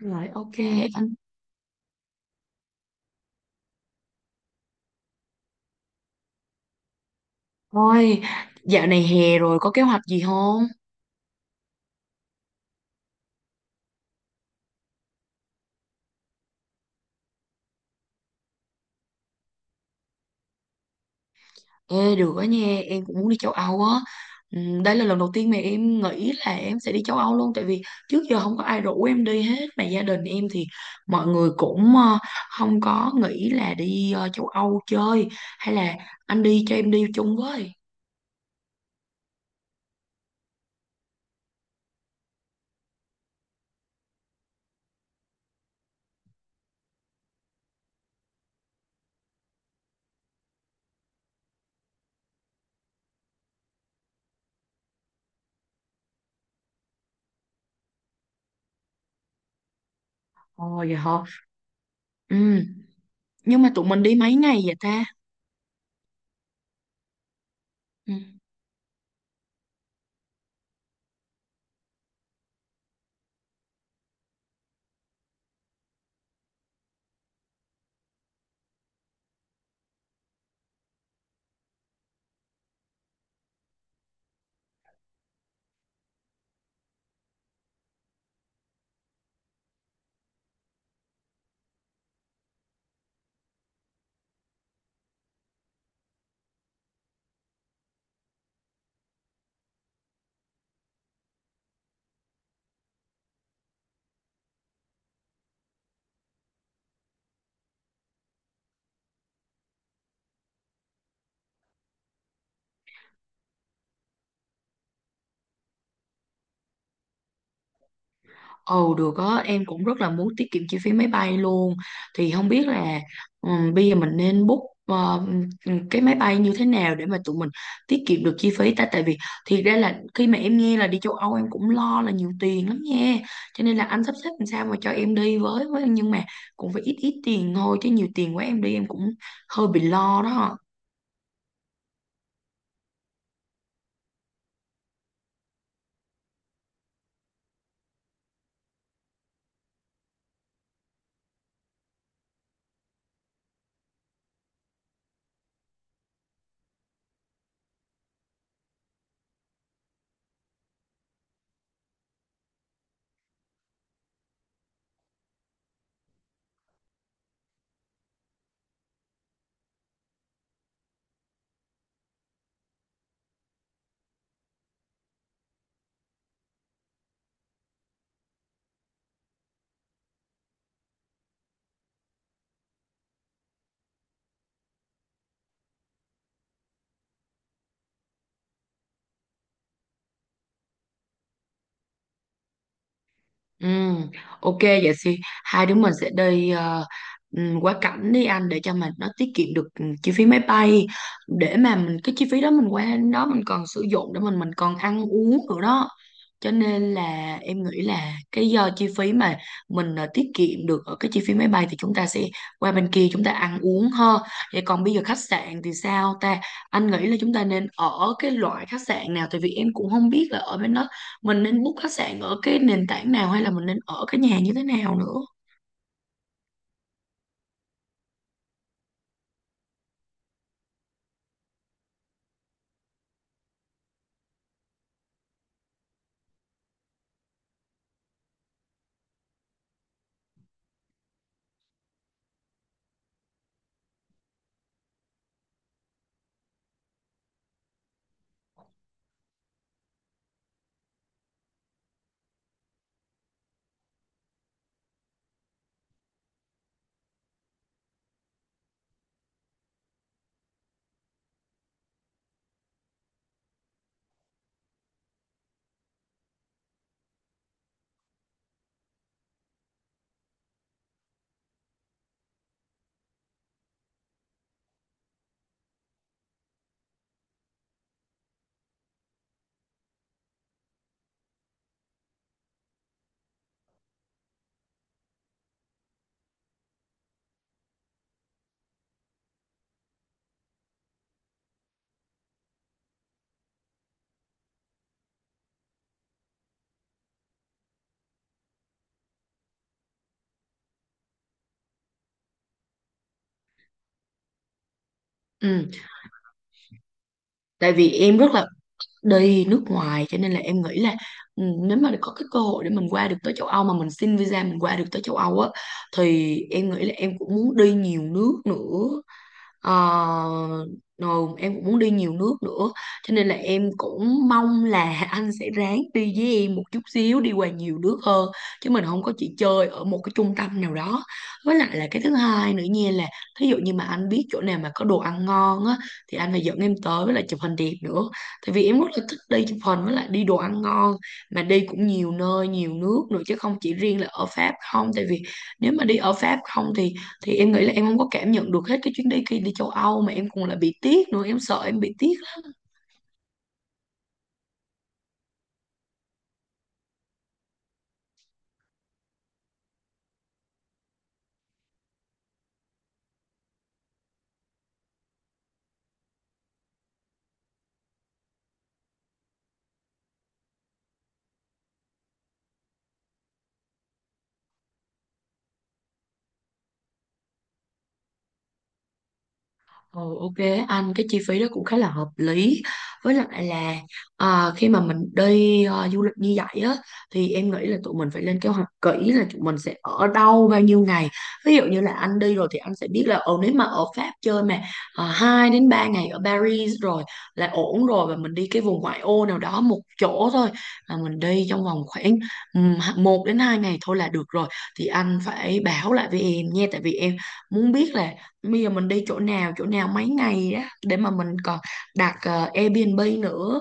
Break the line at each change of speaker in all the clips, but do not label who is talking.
Rồi, ok anh. Thôi, dạo này hè rồi có kế hoạch gì không? Ê, được đó nha, em cũng muốn đi châu Âu á. Đây là lần đầu tiên mà em nghĩ là em sẽ đi châu Âu luôn. Tại vì trước giờ không có ai rủ em đi hết. Mà gia đình em thì mọi người cũng không có nghĩ là đi châu Âu chơi. Hay là anh đi cho em đi chung với. Ồ, vậy hả? Ừ. Nhưng mà tụi mình đi mấy ngày vậy ta? Ừ. Ồ, được á, em cũng rất là muốn tiết kiệm chi phí máy bay luôn. Thì không biết là bây giờ mình nên book ờ, cái máy bay như thế nào để mà tụi mình tiết kiệm được chi phí ta, tại vì thiệt ra là khi mà em nghe là đi châu Âu em cũng lo là nhiều tiền lắm nha. Cho nên là anh sắp xếp làm sao mà cho em đi với nhưng mà cũng phải ít ít tiền thôi, chứ nhiều tiền quá em đi em cũng hơi bị lo đó. Ừ, ok vậy thì hai đứa mình sẽ đi quá cảnh đi anh, để cho mình nó tiết kiệm được chi phí máy bay, để mà mình cái chi phí đó mình qua đến đó mình còn sử dụng để mình còn ăn uống nữa đó. Cho nên là em nghĩ là cái do chi phí mà mình tiết kiệm được ở cái chi phí máy bay, thì chúng ta sẽ qua bên kia chúng ta ăn uống ha. Vậy còn bây giờ khách sạn thì sao ta? Anh nghĩ là chúng ta nên ở cái loại khách sạn nào, tại vì em cũng không biết là ở bên đó mình nên book khách sạn ở cái nền tảng nào, hay là mình nên ở cái nhà như thế nào nữa. Ừ, tại vì em rất là đi nước ngoài, cho nên là em nghĩ là ừ, nếu mà có cái cơ hội để mình qua được tới châu Âu mà mình xin visa mình qua được tới châu Âu á, thì em nghĩ là em cũng muốn đi nhiều nước nữa. Ờ, rồi em cũng muốn đi nhiều nước nữa, cho nên là em cũng mong là anh sẽ ráng đi với em một chút xíu đi qua nhiều nước hơn, chứ mình không có chỉ chơi ở một cái trung tâm nào đó. Với lại là cái thứ hai nữa nha, là thí dụ như mà anh biết chỗ nào mà có đồ ăn ngon á, thì anh phải dẫn em tới, với lại chụp hình đẹp nữa. Tại vì em rất là thích đi chụp hình với lại đi đồ ăn ngon, mà đi cũng nhiều nơi nhiều nước nữa chứ không chỉ riêng là ở Pháp không. Tại vì nếu mà đi ở Pháp không thì em nghĩ là em không có cảm nhận được hết cái chuyến đi kia đi châu Âu, mà em còn là bị tiếc nữa, em sợ em bị tiếc lắm. Ừ, ok anh, cái chi phí đó cũng khá là hợp lý. Với lại là à, khi mà mình đi à, du lịch như vậy á, thì em nghĩ là tụi mình phải lên kế hoạch kỹ là tụi mình sẽ ở đâu bao nhiêu ngày. Ví dụ như là anh đi rồi thì anh sẽ biết là ừ, nếu mà ở Pháp chơi mà à, 2 đến 3 ngày ở Paris rồi là ổn rồi, và mình đi cái vùng ngoại ô nào đó một chỗ thôi. Là mình đi trong vòng khoảng 1 đến 2 ngày thôi là được rồi, thì anh phải báo lại với em nha, tại vì em muốn biết là bây giờ mình đi chỗ nào mấy ngày đó, để mà mình còn đặt Airbnb nữa.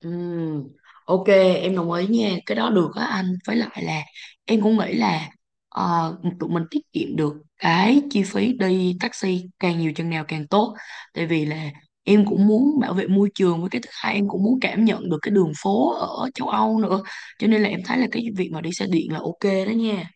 Ừm, ok em đồng ý nha, cái đó được á anh. Với lại là em cũng nghĩ là tụi mình tiết kiệm được cái chi phí đi taxi càng nhiều chừng nào càng tốt, tại vì là em cũng muốn bảo vệ môi trường, với cái thứ hai em cũng muốn cảm nhận được cái đường phố ở châu Âu nữa. Cho nên là em thấy là cái việc mà đi xe điện là ok đó nha.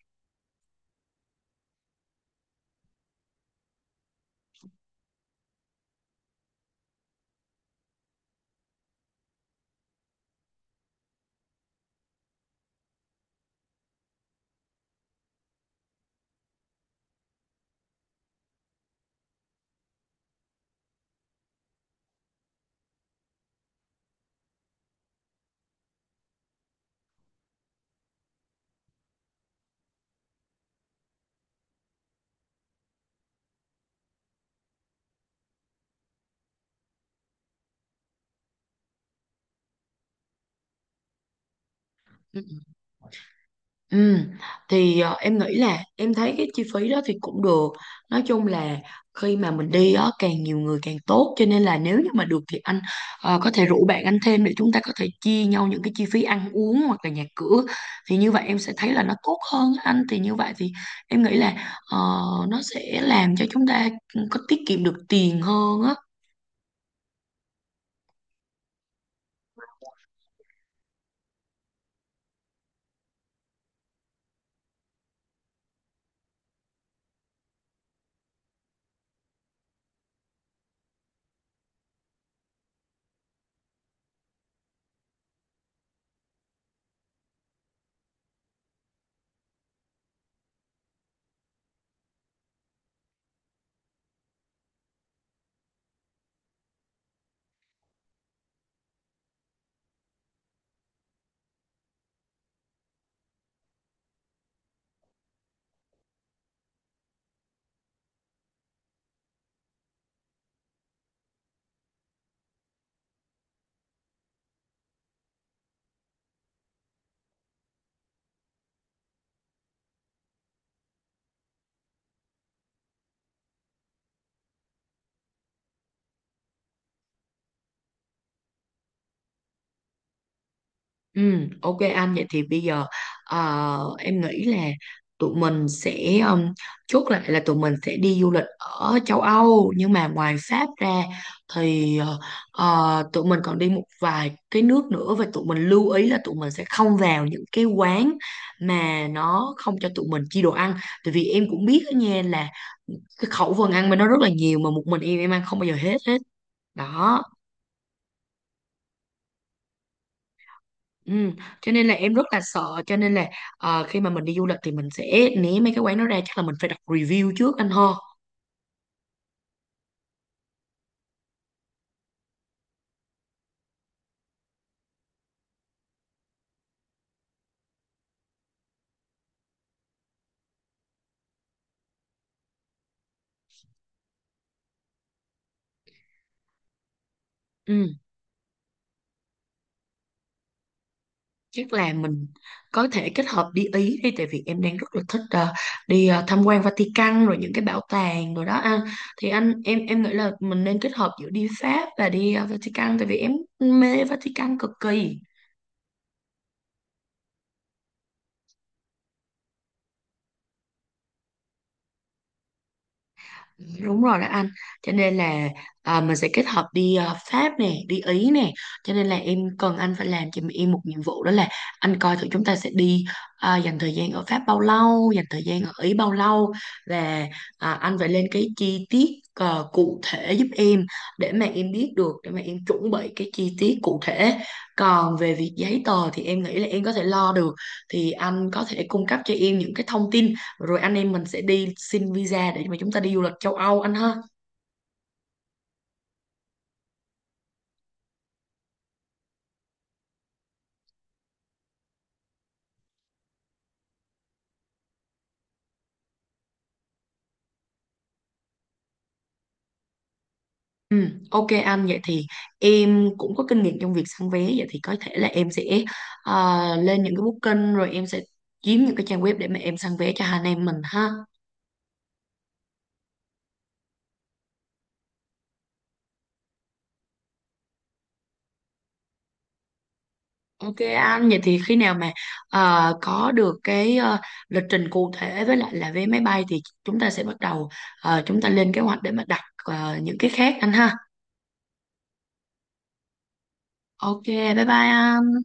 Ừ, thì em nghĩ là em thấy cái chi phí đó thì cũng được. Nói chung là khi mà mình đi á càng nhiều người càng tốt, cho nên là nếu như mà được thì anh có thể rủ bạn anh thêm để chúng ta có thể chia nhau những cái chi phí ăn uống hoặc là nhà cửa, thì như vậy em sẽ thấy là nó tốt hơn á anh. Thì như vậy thì em nghĩ là ờ, nó sẽ làm cho chúng ta ừ, có tiết kiệm được tiền hơn á. Ừ, ok anh, vậy thì bây giờ ờ, em nghĩ là tụi mình sẽ chốt lại là tụi mình sẽ đi du lịch ở châu Âu, nhưng mà ngoài Pháp ra thì tụi mình còn đi một vài cái nước nữa, và tụi mình lưu ý là tụi mình sẽ không vào những cái quán mà nó không cho tụi mình chi đồ ăn. Tại vì em cũng biết đó nha là cái khẩu phần ăn mà nó rất là nhiều, mà một mình em ăn không bao giờ hết hết đó. Ừ. Cho nên là em rất là sợ, cho nên là khi mà mình đi du lịch thì mình sẽ né mấy cái quán đó ra, chắc là mình phải đọc review trước anh ho. Ừ. Chắc là mình có thể kết hợp đi Ý đi, tại vì em đang rất là thích đi tham quan Vatican rồi những cái bảo tàng rồi đó anh. Thì anh em nghĩ là mình nên kết hợp giữa đi Pháp và đi Vatican, tại vì em mê Vatican cực kỳ. Đúng rồi đó anh, cho nên là à, mình sẽ kết hợp đi à, Pháp nè, đi Ý nè, cho nên là em cần anh phải làm cho em một nhiệm vụ đó là anh coi thử chúng ta sẽ đi à, dành thời gian ở Pháp bao lâu, dành thời gian ở Ý bao lâu, và à, anh phải lên cái chi tiết à, cụ thể giúp em, để mà em biết được, để mà em chuẩn bị cái chi tiết cụ thể. Còn về việc giấy tờ thì em nghĩ là em có thể lo được, thì anh có thể cung cấp cho em những cái thông tin, rồi anh em mình sẽ đi xin visa để mà chúng ta đi du lịch châu Âu anh ha. Ừ, ok anh, vậy thì em cũng có kinh nghiệm trong việc săn vé, vậy thì có thể là em sẽ lên những cái booking rồi em sẽ kiếm những cái trang web để mà em săn vé cho hai anh em mình ha. Ok anh, vậy thì khi nào mà có được cái lịch trình cụ thể với lại là vé máy bay, thì chúng ta sẽ bắt đầu chúng ta lên kế hoạch để mà đặt những cái khác anh ha. Ok bye bye anh.